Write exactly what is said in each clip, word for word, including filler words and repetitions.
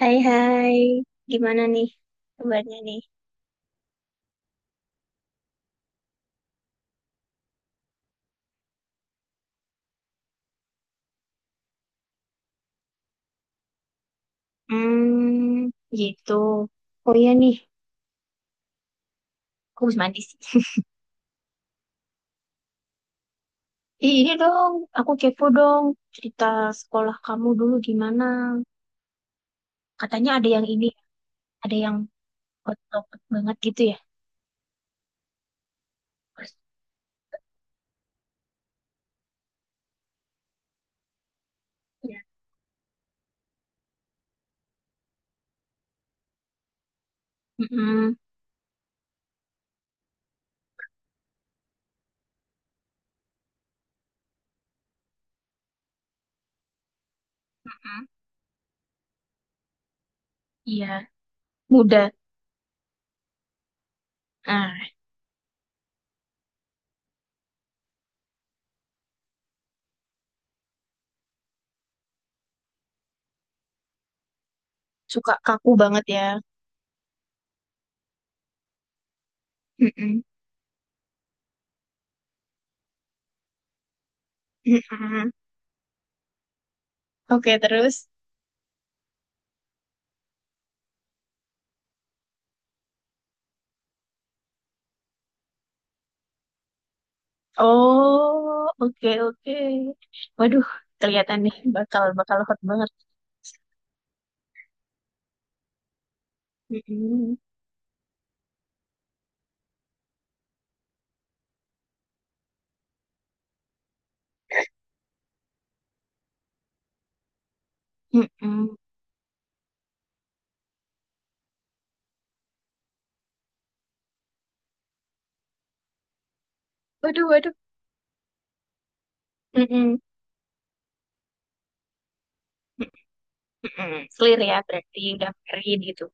Hai hai, gimana nih kabarnya nih? Hmm, gitu. Oh iya nih, aku harus mandi sih. Ih, ini dong, aku kepo dong cerita sekolah kamu dulu gimana. Katanya ada yang ini, ada yang otot banget gitu ya. Iya. Mm-mm, mm-mm. Iya, muda. Ah, suka kaku banget ya. Mm-mm, mm-mm. Oke, terus. Oh, oke oke. Waduh, kelihatan nih bakal bakal hot banget. Mm-mm. Mm-mm. Waduh, waduh. Mm-mm. Mm-mm. Clear ya, berarti udah married gitu.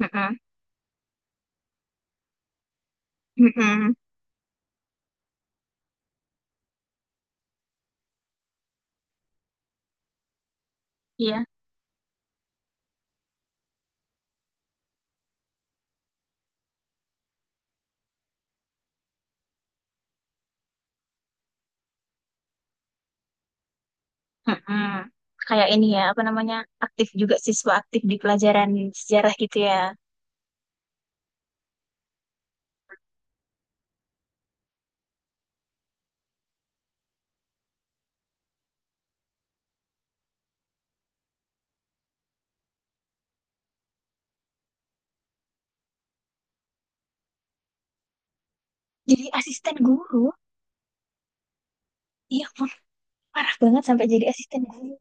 Mm-mm. Mm-mm. Iya. Mm-mm. Kayak ini ya, apa namanya, aktif juga, siswa aktif di pelajaran sejarah gitu ya. Jadi asisten guru, iya pun parah banget sampai jadi asisten guru.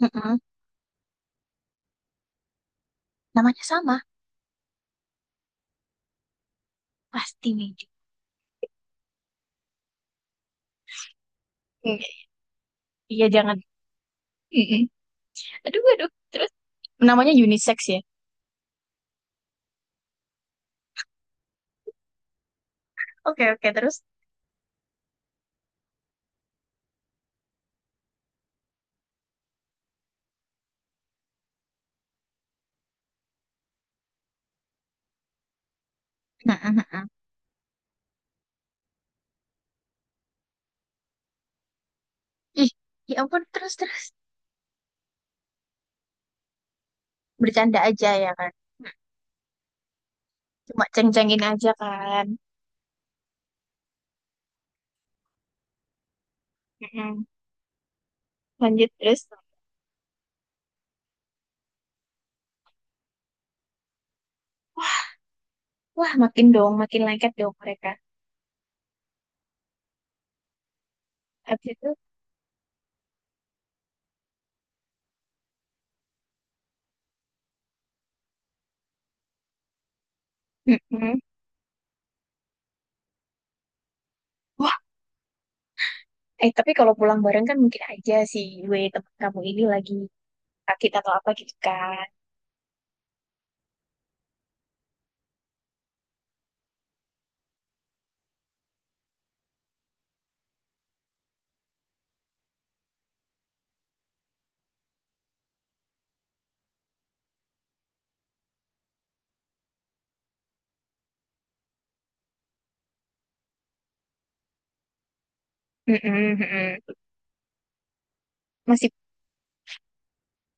Mm-mm. Namanya sama, pasti Widi. Mm. Iya, jangan. Mm-mm. Aduh, aduh. Terus, namanya unisex ya. Oke, oke, terus. Mm-mm. Ih, ya ampun, terus, terus. Bercanda aja ya kan. Cuma ceng-cengin aja, kan. Mm-mm. Lanjut terus. Wah, makin dong, makin lengket dong mereka. Habis itu. Mm-mm. Wah. Eh tapi kalau pulang bareng kan mungkin aja si gue teman kamu ini lagi sakit atau apa gitu kan. Mm-mm, mm-mm. Masih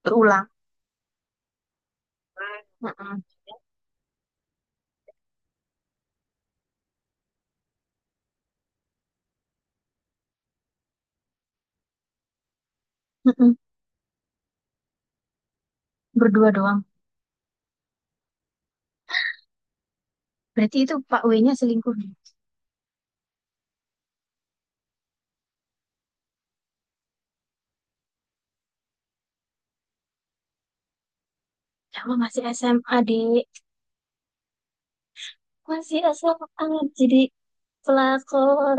berulang. Mm-mm, mm-mm. Berdua doang. Berarti itu Pak W-nya selingkuh sama masih S M A, dek, masih S M A, jadi pelakor,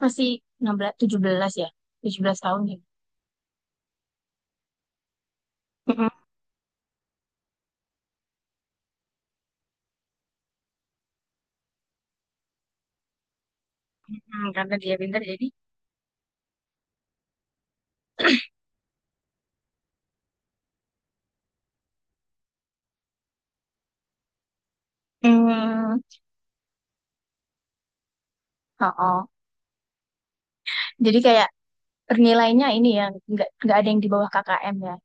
masih enam belas tujuh belas ya, tujuh belas tahun ya. Hmm, karena dia pintar jadi hmm, oh, oh. Jadi kayak nilainya ini ya, nggak nggak ada yang di bawah K K M ya.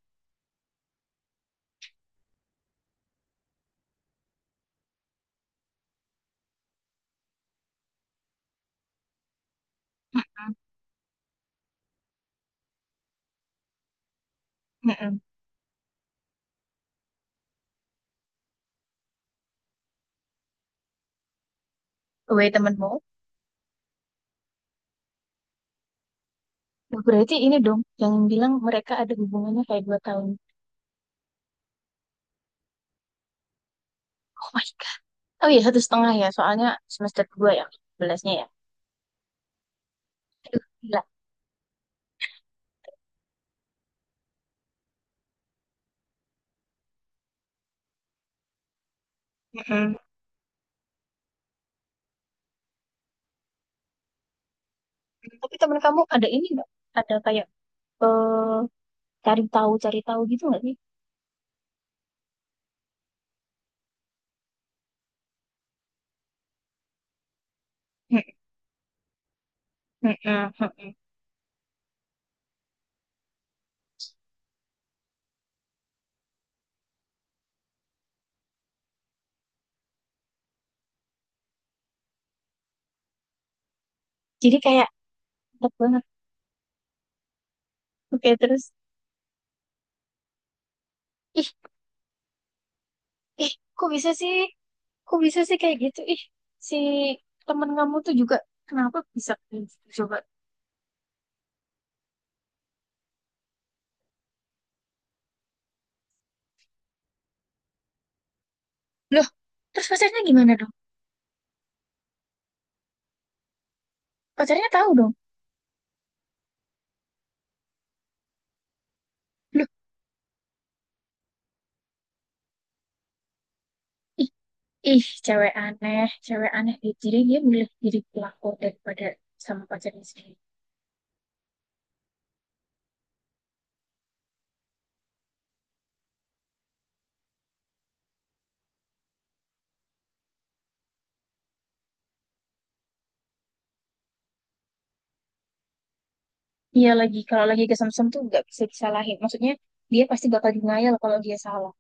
Mm-mm. Weh, temenmu. Nah, berarti ini dong, yang bilang mereka ada hubungannya kayak dua tahun. Oh my God. Oh iya, satu setengah ya, soalnya semester dua ya, belasnya ya. Aduh, gila. Mm-mm. Tapi temen kamu ada ini nggak? Ada kayak eh, cari tahu, cari tahu gitu nggak sih? Mm-mm, mm-mm. Jadi kayak enak banget. Oke, terus. Ih, ih, kok bisa sih? Kok bisa sih kayak gitu? Ih, si temen kamu tuh juga kenapa bisa kayak gitu coba? Loh, terus pacarnya gimana dong? Pacarnya tahu dong. Loh, ih, ih, cewek aneh, cewek aneh. Ih, jadi dia milih jadi pelaku daripada sama pacarnya sendiri. Iya lagi, kalau lagi kesem-sem tuh nggak bisa disalahin. Maksudnya dia pasti bakal denial kalau dia salah.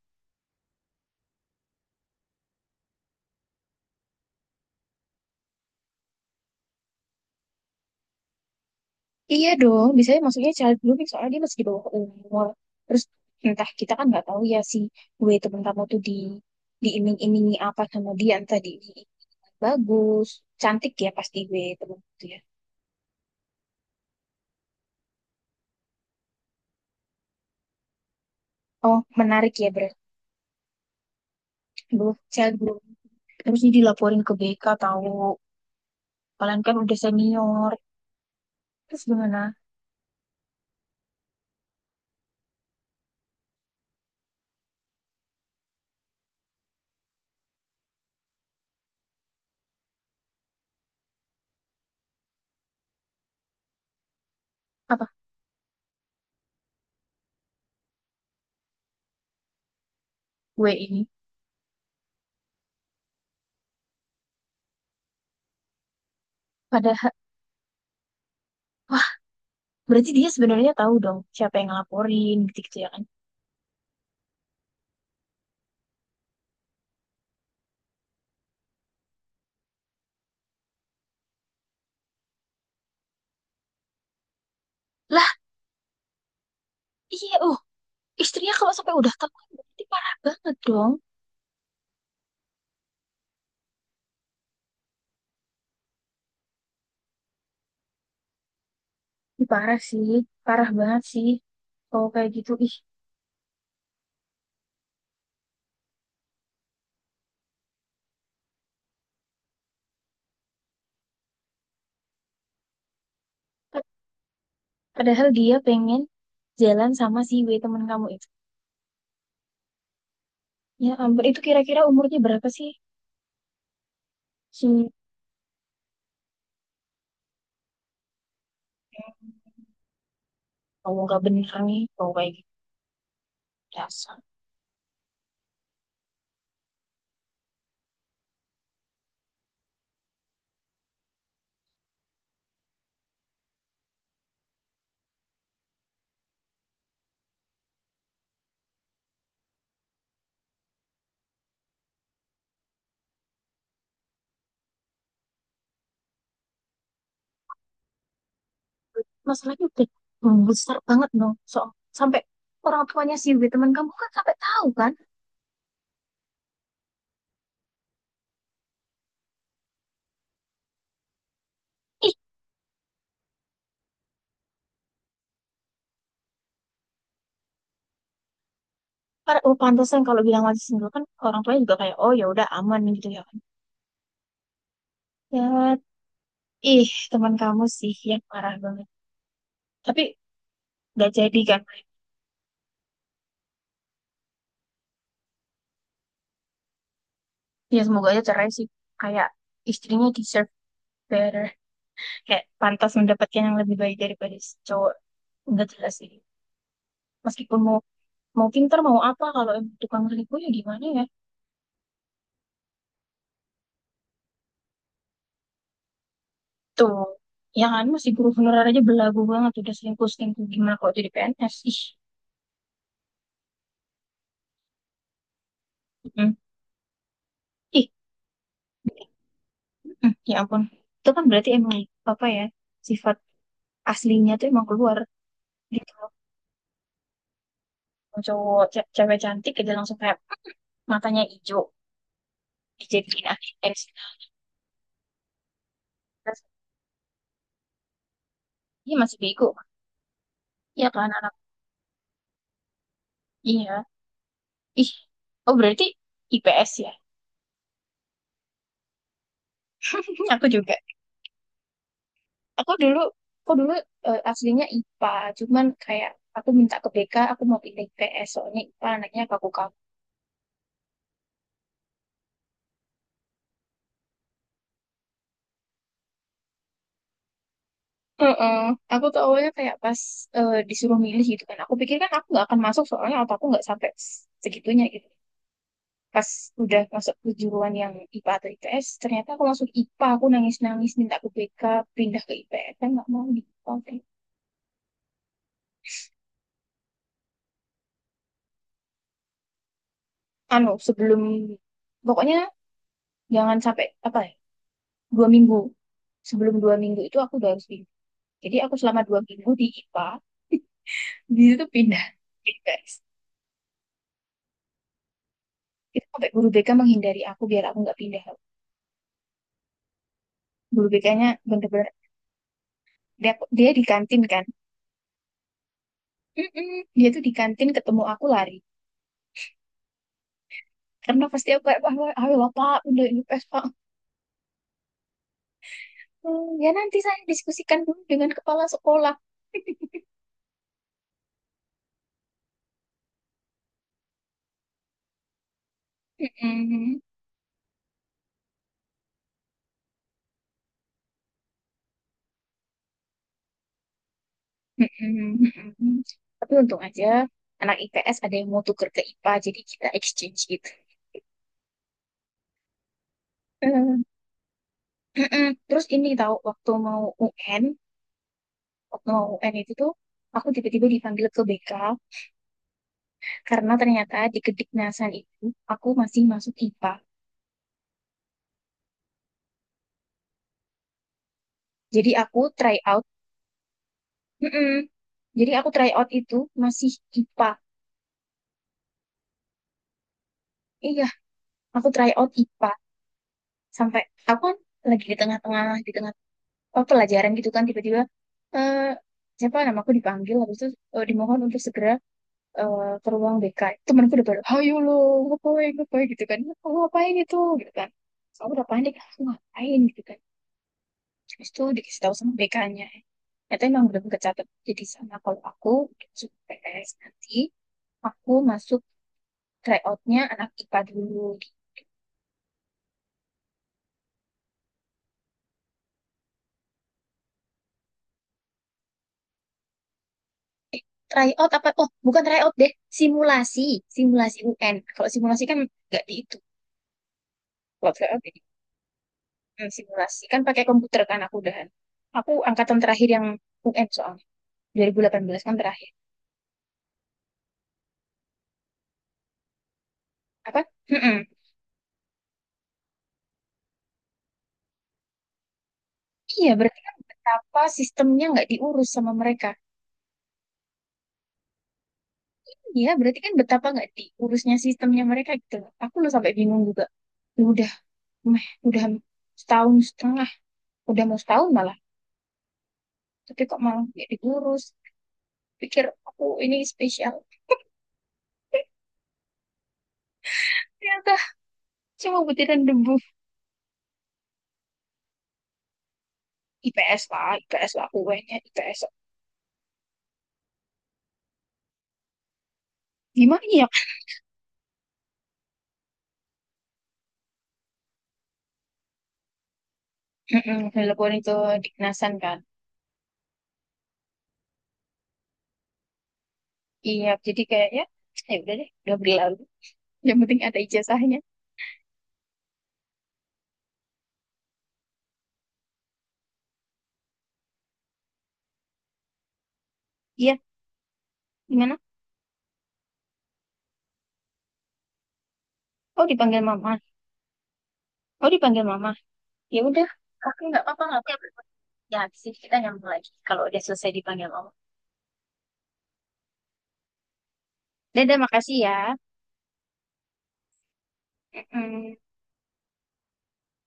Iya dong, biasanya maksudnya child grooming soalnya dia masih di bawah umur. Terus entah kita kan nggak tahu ya si gue temen kamu tuh di diiming-imingi apa sama dia, entah di bagus, cantik ya pasti gue temen itu ya. Oh, menarik ya berarti. Aduh, child grooming. Terus ini dilaporin ke B K tahu, kalian kan udah senior. Terus gimana? Apa gue ini? Padahal, wah, berarti dia sebenarnya tahu dong siapa yang ngelaporin gitu-gitu ya kan. Lah, iya, uh istrinya kalau sampai udah tahu kan berarti parah banget dong. Ih, parah sih, parah banget sih. Kalau kayak gitu, ih. Padahal dia pengen jalan sama si W temen kamu itu. Ya ampun, itu kira-kira umurnya berapa sih? Si kamu gak bener nih, kalau kayak gitu. Dasar. Masalahnya udah besar banget dong. So, sampai orang tuanya si W temen kamu kan sampai tahu kan? Ih, para, oh, pantesan kalau bilang masih single kan orang tuanya juga kayak, oh ya udah aman gitu ya kan. Ya, ih teman kamu sih yang parah banget. Tapi gak jadi kan? Ya semoga aja cerai sih, kayak istrinya deserve better, kayak pantas mendapatkan yang lebih baik daripada si cowok nggak jelas sih. Meskipun mau mau pinter mau apa kalau emang tukang selingkuh ya gimana ya. Tuh ya kan, masih guru honorer aja belagu banget udah selingkuh selingkuh, gimana kalau jadi P N S, ih. Mm, ih. Mm, ya ampun. Itu kan berarti emang apa ya, sifat aslinya tuh emang keluar gitu. Cowok ce- cewek cantik aja langsung kayak matanya hijau dijadiin A S. Terus dia masih bego. Iya kan anak. Iya. Ih. Oh berarti I P S ya. Aku juga. Aku dulu aku dulu eh, aslinya I P A, cuman kayak aku minta ke BK, aku mau pilih I P S soalnya I P A anaknya kaku-kaku. Heeh. Aku tuh awalnya kayak pas eh, disuruh milih gitu kan. Aku pikir kan aku nggak akan masuk soalnya otakku nggak sampai segitunya gitu. Pas udah masuk kejuruan yang I P A atau I P S, ternyata aku masuk I P A. Aku nangis-nangis minta ke B K pindah ke I P S, kan nggak mau di I P A. Anu, sebelum, pokoknya jangan sampai apa ya, dua minggu, sebelum dua minggu itu aku udah harus pindah. Jadi aku selama dua minggu di I P A, di situ pindah. Jadi, guys, itu sampai guru B K menghindari aku biar aku nggak pindah. Guru BK-nya bener-bener dia, dia di kantin kan. Mm-mm. Dia tuh di kantin ketemu aku lari, karena pasti aku kayak ayo ayo lah pak, udah ini pes pak. "Hmm, ya nanti saya diskusikan dulu dengan kepala sekolah." Mm-mm. Mm-mm. Mm-mm. Tapi untung aja anak I P S ada yang mau tuker ke I P A jadi kita exchange gitu. Mm-mm. Terus ini tahu waktu mau U N, waktu mau U N itu tuh aku tiba-tiba dipanggil ke B K karena ternyata di Kediknasan itu aku masih masuk I P A. Jadi aku try out. Mm-mm. Jadi aku try out itu masih I P A. Iya, aku try out I P A. Sampai aku kan lagi di tengah-tengah, di tengah apa, pelajaran gitu kan, tiba-tiba eh siapa namaku dipanggil, habis itu eh, dimohon untuk segera eh, ke ruang B K. Temanku udah pada, ayo lo ngapain ngapain gitu kan, kamu ngapain itu gitu kan. Aku udah panik, aku ngapain gitu kan. Terus tuh dikasih tahu sama BK-nya, ternyata emang belum kecatat jadi sama kalau aku masuk P P S nanti, aku masuk tryoutnya anak I P A dulu. Tryout apa, oh bukan tryout deh, simulasi simulasi U N. Kalau simulasi kan nggak di itu, kalau tryout jadi hmm, simulasi kan pakai komputer kan aku udahan, aku angkatan terakhir yang U N soalnya dua ribu delapan belas kan terakhir. Apa? Mm-mm. Iya, berarti kan betapa sistemnya nggak diurus sama mereka. Iya, berarti kan betapa nggak diurusnya sistemnya mereka gitu loh. Aku lu sampai bingung juga. Lu udah, meh, udah setahun setengah, udah mau setahun malah. Tapi kok malah nggak diurus. Pikir aku ini spesial. Ternyata cuma butiran debu. IPS lah, IPS lah, UN-nya IPS. Gimana ya? Mm-mm, telepon itu dikenasan kan. Iya, jadi kayaknya, ya udah deh, udah berlalu. Yang penting ada ijazahnya. Iya, gimana? Oh dipanggil mama. Oh dipanggil mama. Ya udah, aku nggak apa-apa nggak apa-apa. Ya habis ini kita nyambung lagi kalau udah selesai dipanggil mama. Dadah, makasih ya. Mm-mm.